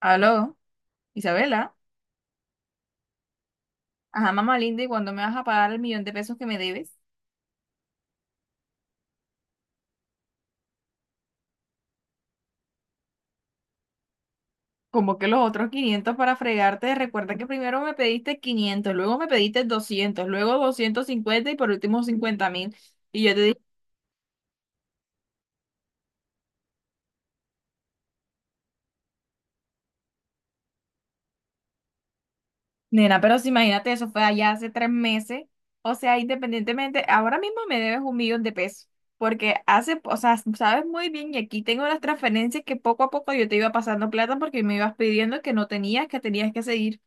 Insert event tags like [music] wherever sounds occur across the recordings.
Aló, Isabela. Ajá, mamá linda, ¿y cuándo me vas a pagar $1.000.000 que me debes? Como que los otros 500 para fregarte. Recuerda que primero me pediste 500, luego me pediste 200, luego 250 y por último 50 mil. Y yo te dije, nena, pero si imagínate, eso fue allá hace 3 meses. O sea, independientemente, ahora mismo me debes $1.000.000. Porque hace, o sea, sabes muy bien, y aquí tengo las transferencias que poco a poco yo te iba pasando plata porque me ibas pidiendo que no tenías, que tenías que seguir.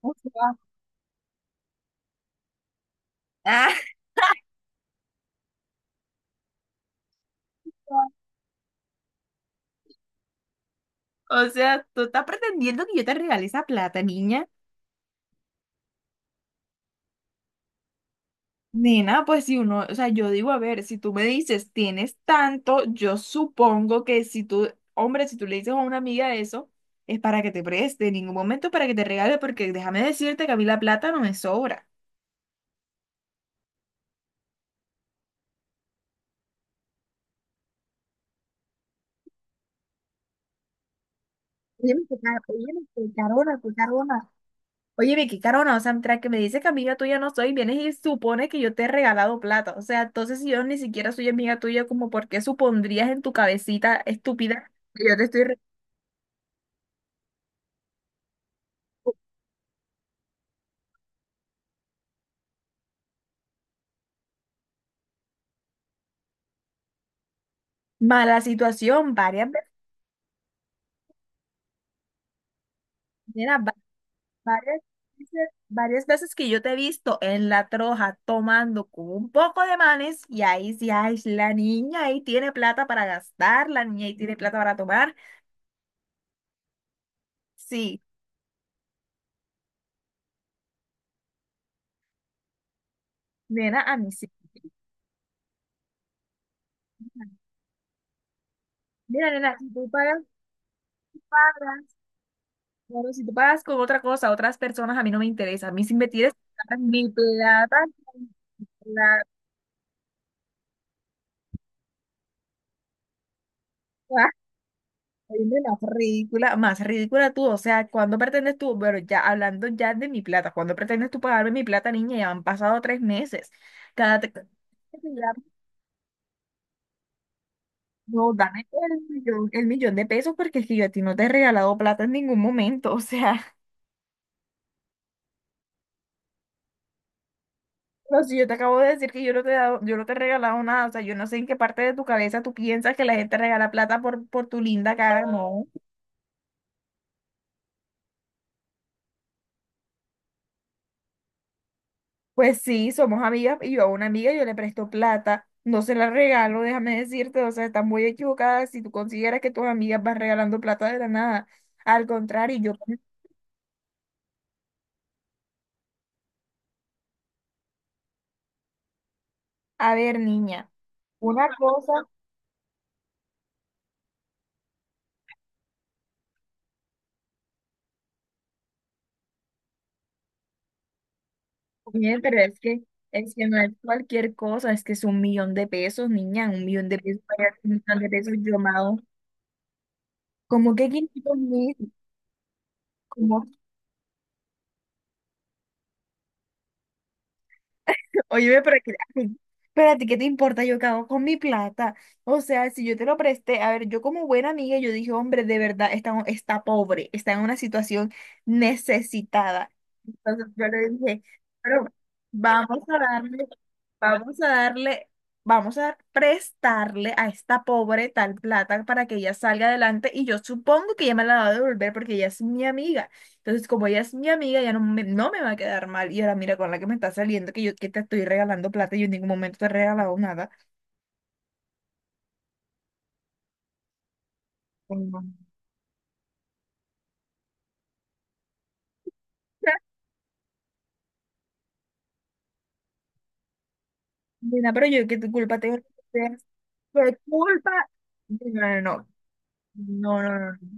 O sea, [laughs] Ah. O sea, tú estás pretendiendo que yo te regale esa plata, niña. Nena, pues si uno, o sea, yo digo, a ver, si tú me dices tienes tanto, yo supongo que si tú, hombre, si tú le dices a una amiga eso, es para que te preste, en ningún momento para que te regale, porque déjame decirte que a mí la plata no me sobra. Oye, qué carona, qué carona. Oye, Vicky Carona, o sea, mientras que me dices que amiga tuya no soy, vienes y supones que yo te he regalado plata. O sea, entonces si yo ni siquiera soy amiga tuya, como por qué supondrías en tu cabecita estúpida que yo te estoy re- Oh, mala situación varias veces, mira, va- varias veces, varias veces que yo te he visto en la troja tomando con un poco de manes y ahí sí, ay, la niña ahí tiene plata para gastar, la niña ahí tiene plata para tomar. Sí, nena, a mí sí. Mira, nena, si tú pagas. Claro, si tú pagas con otra cosa, otras personas, a mí no me interesa. A mí si me tienes que dar mi plata, la, ah, soy de la ridícula, más ridícula tú. O sea, ¿cuándo pretendes tú? Bueno, ya hablando ya de mi plata, ¿cuándo pretendes tú pagarme mi plata, niña? Ya han pasado 3 meses. Cada te- No, dame el millón de pesos porque es que yo a ti no te he regalado plata en ningún momento. [laughs] O sea. No, si yo te acabo de decir que yo no te he dado, yo no te he regalado nada, o sea, yo no sé en qué parte de tu cabeza tú piensas que la gente regala plata por tu linda cara, no. Pues sí, somos amigas y yo a una amiga yo le presto plata, no se la regalo, déjame decirte, o sea, estás muy equivocada si tú consideras que tus amigas van regalando plata de la nada. Al contrario, yo, a ver, niña, una cosa, bien, pero es que no es cualquier cosa, es que es $1.000.000, niña, $1.000.000, para $1.000.000, yo, amado. ¿Como que 500.000? ¿Cómo? Oye, pero ¿qué te importa yo qué hago con mi plata? O sea, si yo te lo presté, a ver, yo como buena amiga, yo dije, hombre, de verdad, está pobre, está en una situación necesitada. Entonces yo le dije, pero vamos a darle, vamos a darle, vamos a prestarle a esta pobre tal plata para que ella salga adelante y yo supongo que ella me la va a devolver porque ella es mi amiga. Entonces, como ella es mi amiga, ya no me va a quedar mal. Y ahora mira con la que me está saliendo, que yo que te estoy regalando plata, yo en ningún momento te he regalado nada. Mm. Nena, [laughs] pero yo qué tu culpa tengo. ¿Que tener? ¿Qué culpa? No, no, no, no, no, no.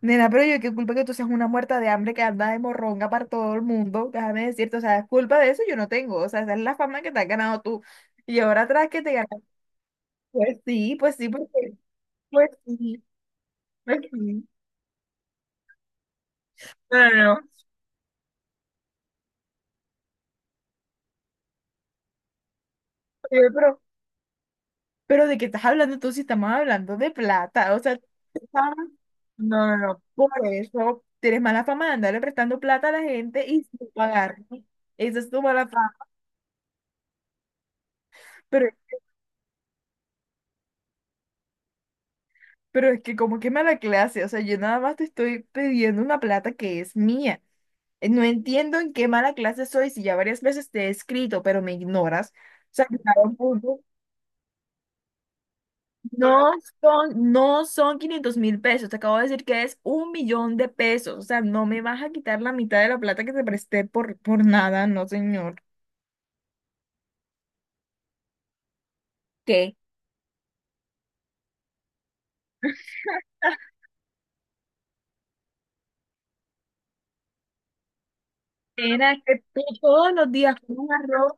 Nena, pero yo qué culpa que tú seas una muerta de hambre que anda de morronga para todo el mundo. Déjame decirte, o sea, es culpa de eso yo no tengo. O sea, esa es la fama que te has ganado tú. Y ahora atrás que te ganas. Pues sí, porque, pues sí, pues sí. No, no, no. Oye, pero de qué estás hablando tú si estamos hablando de plata, o sea, fama. No, no, no, por eso tienes mala fama de andarle prestando plata a la gente y sin pagar. Esa es tu mala fama. Pero, pero es que como que mala clase, o sea, yo nada más te estoy pidiendo una plata que es mía. No entiendo en qué mala clase soy si ya varias veces te he escrito, pero me ignoras. O sea, No no son $500.000, te acabo de decir que es un millón de pesos, o sea, no me vas a quitar la mitad de la plata que te presté por nada, no señor. ¿Qué? Era que tú todos los días con un arroz,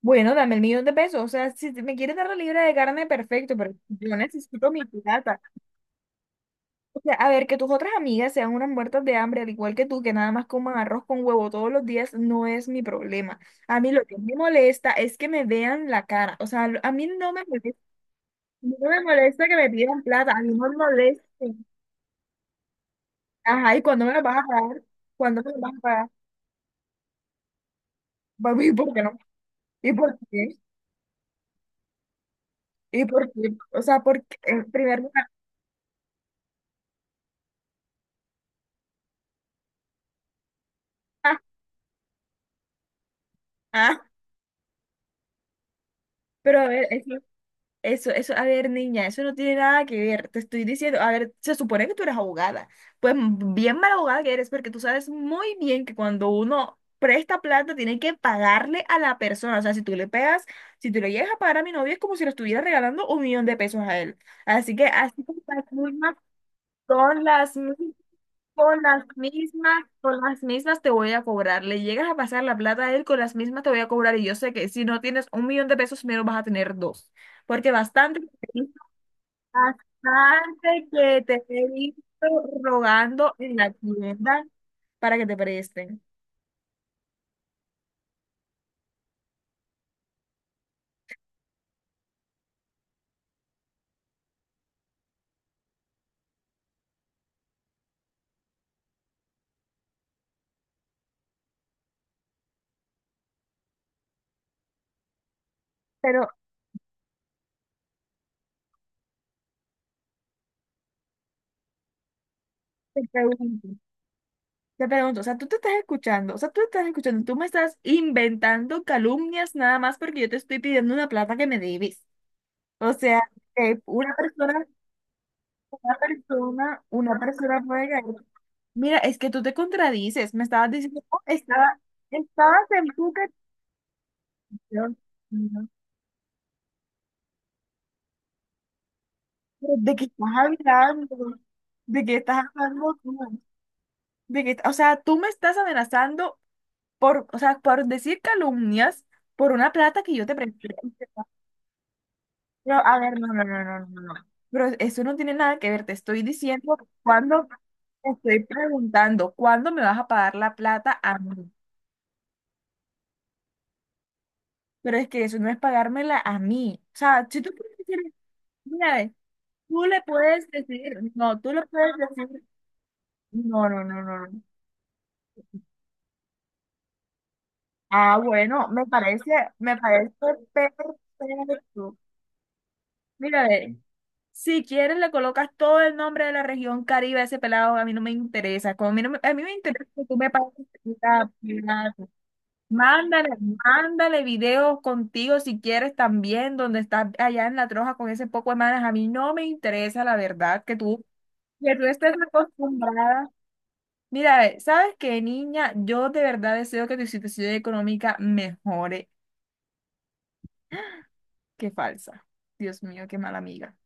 bueno, dame el millón de pesos, o sea, si te- me quieres dar la libra de carne, perfecto, pero yo necesito mi plata. O sea, a ver, que tus otras amigas sean unas muertas de hambre, al igual que tú, que nada más coman arroz con huevo todos los días, no es mi problema. A mí lo que me molesta es que me vean la cara, o sea, a mí no me molesta. No me molesta que me pidan plata, a mí no me molesta. Ajá, ¿y cuándo me lo vas a pagar? ¿Cuándo me lo vas a pagar? Papi, ¿y por qué no? ¿Y por qué? ¿Y por qué? O sea, porque en primer lugar, ah, ah, pero a ver, es eso, eso, a ver, niña, eso no tiene nada que ver. Te estoy diciendo, a ver, se supone que tú eres abogada. Pues mm, bien mala abogada que eres, porque tú sabes muy bien que cuando uno presta plata, tiene que pagarle a la persona. O sea, si tú le pegas, si tú le llegas a pagar a mi novio, es como si le estuviera regalando $1.000.000 a él. Así que así como las mismas son las mismas. Con las mismas, con las mismas te voy a cobrar. Le llegas a pasar la plata a él, con las mismas te voy a cobrar. Y yo sé que si no tienes $1.000.000, menos vas a tener dos. Porque bastante, bastante que te he visto rogando en la tienda para que te presten. Pero te pregunto, te pregunto, o sea, tú te estás escuchando, o sea, tú te estás escuchando, tú me estás inventando calumnias nada más porque yo te estoy pidiendo una plata que me debes. O sea, que una persona Una persona, una persona puede caer. Mira, es que tú te contradices. Me estabas diciendo, "Oh, estaba, estabas en tu canción". No. Pero, ¿de qué estás hablando? ¿De qué estás hablando tú? ¿De qué, o sea, tú me estás amenazando por, o sea, por decir calumnias por una plata que yo te presté. Pero, a ver, no, no, no, no, no, no. Pero eso no tiene nada que ver. Te estoy diciendo cuando te estoy preguntando, ¿cuándo me vas a pagar la plata a mí? Pero es que eso no es pagármela a mí. O sea, si tú quieres decir, mira, ve, tú le puedes decir, no, tú le puedes decir, no, no, no, no, no. Ah, bueno, me parece perfecto. Mira, ve, si quieres le colocas todo el nombre de la región Caribe a ese pelado, a mí no me interesa. Como a mí, no me- a mí me interesa que tú me pagues la plata. Mándale, mándale videos contigo si quieres también, donde estás allá en la troja con ese poco de manas. A mí no me interesa, la verdad, que tú estés acostumbrada. Mira, ve, ¿sabes qué, niña? Yo de verdad deseo que tu situación económica mejore. Qué falsa. Dios mío, qué mala amiga.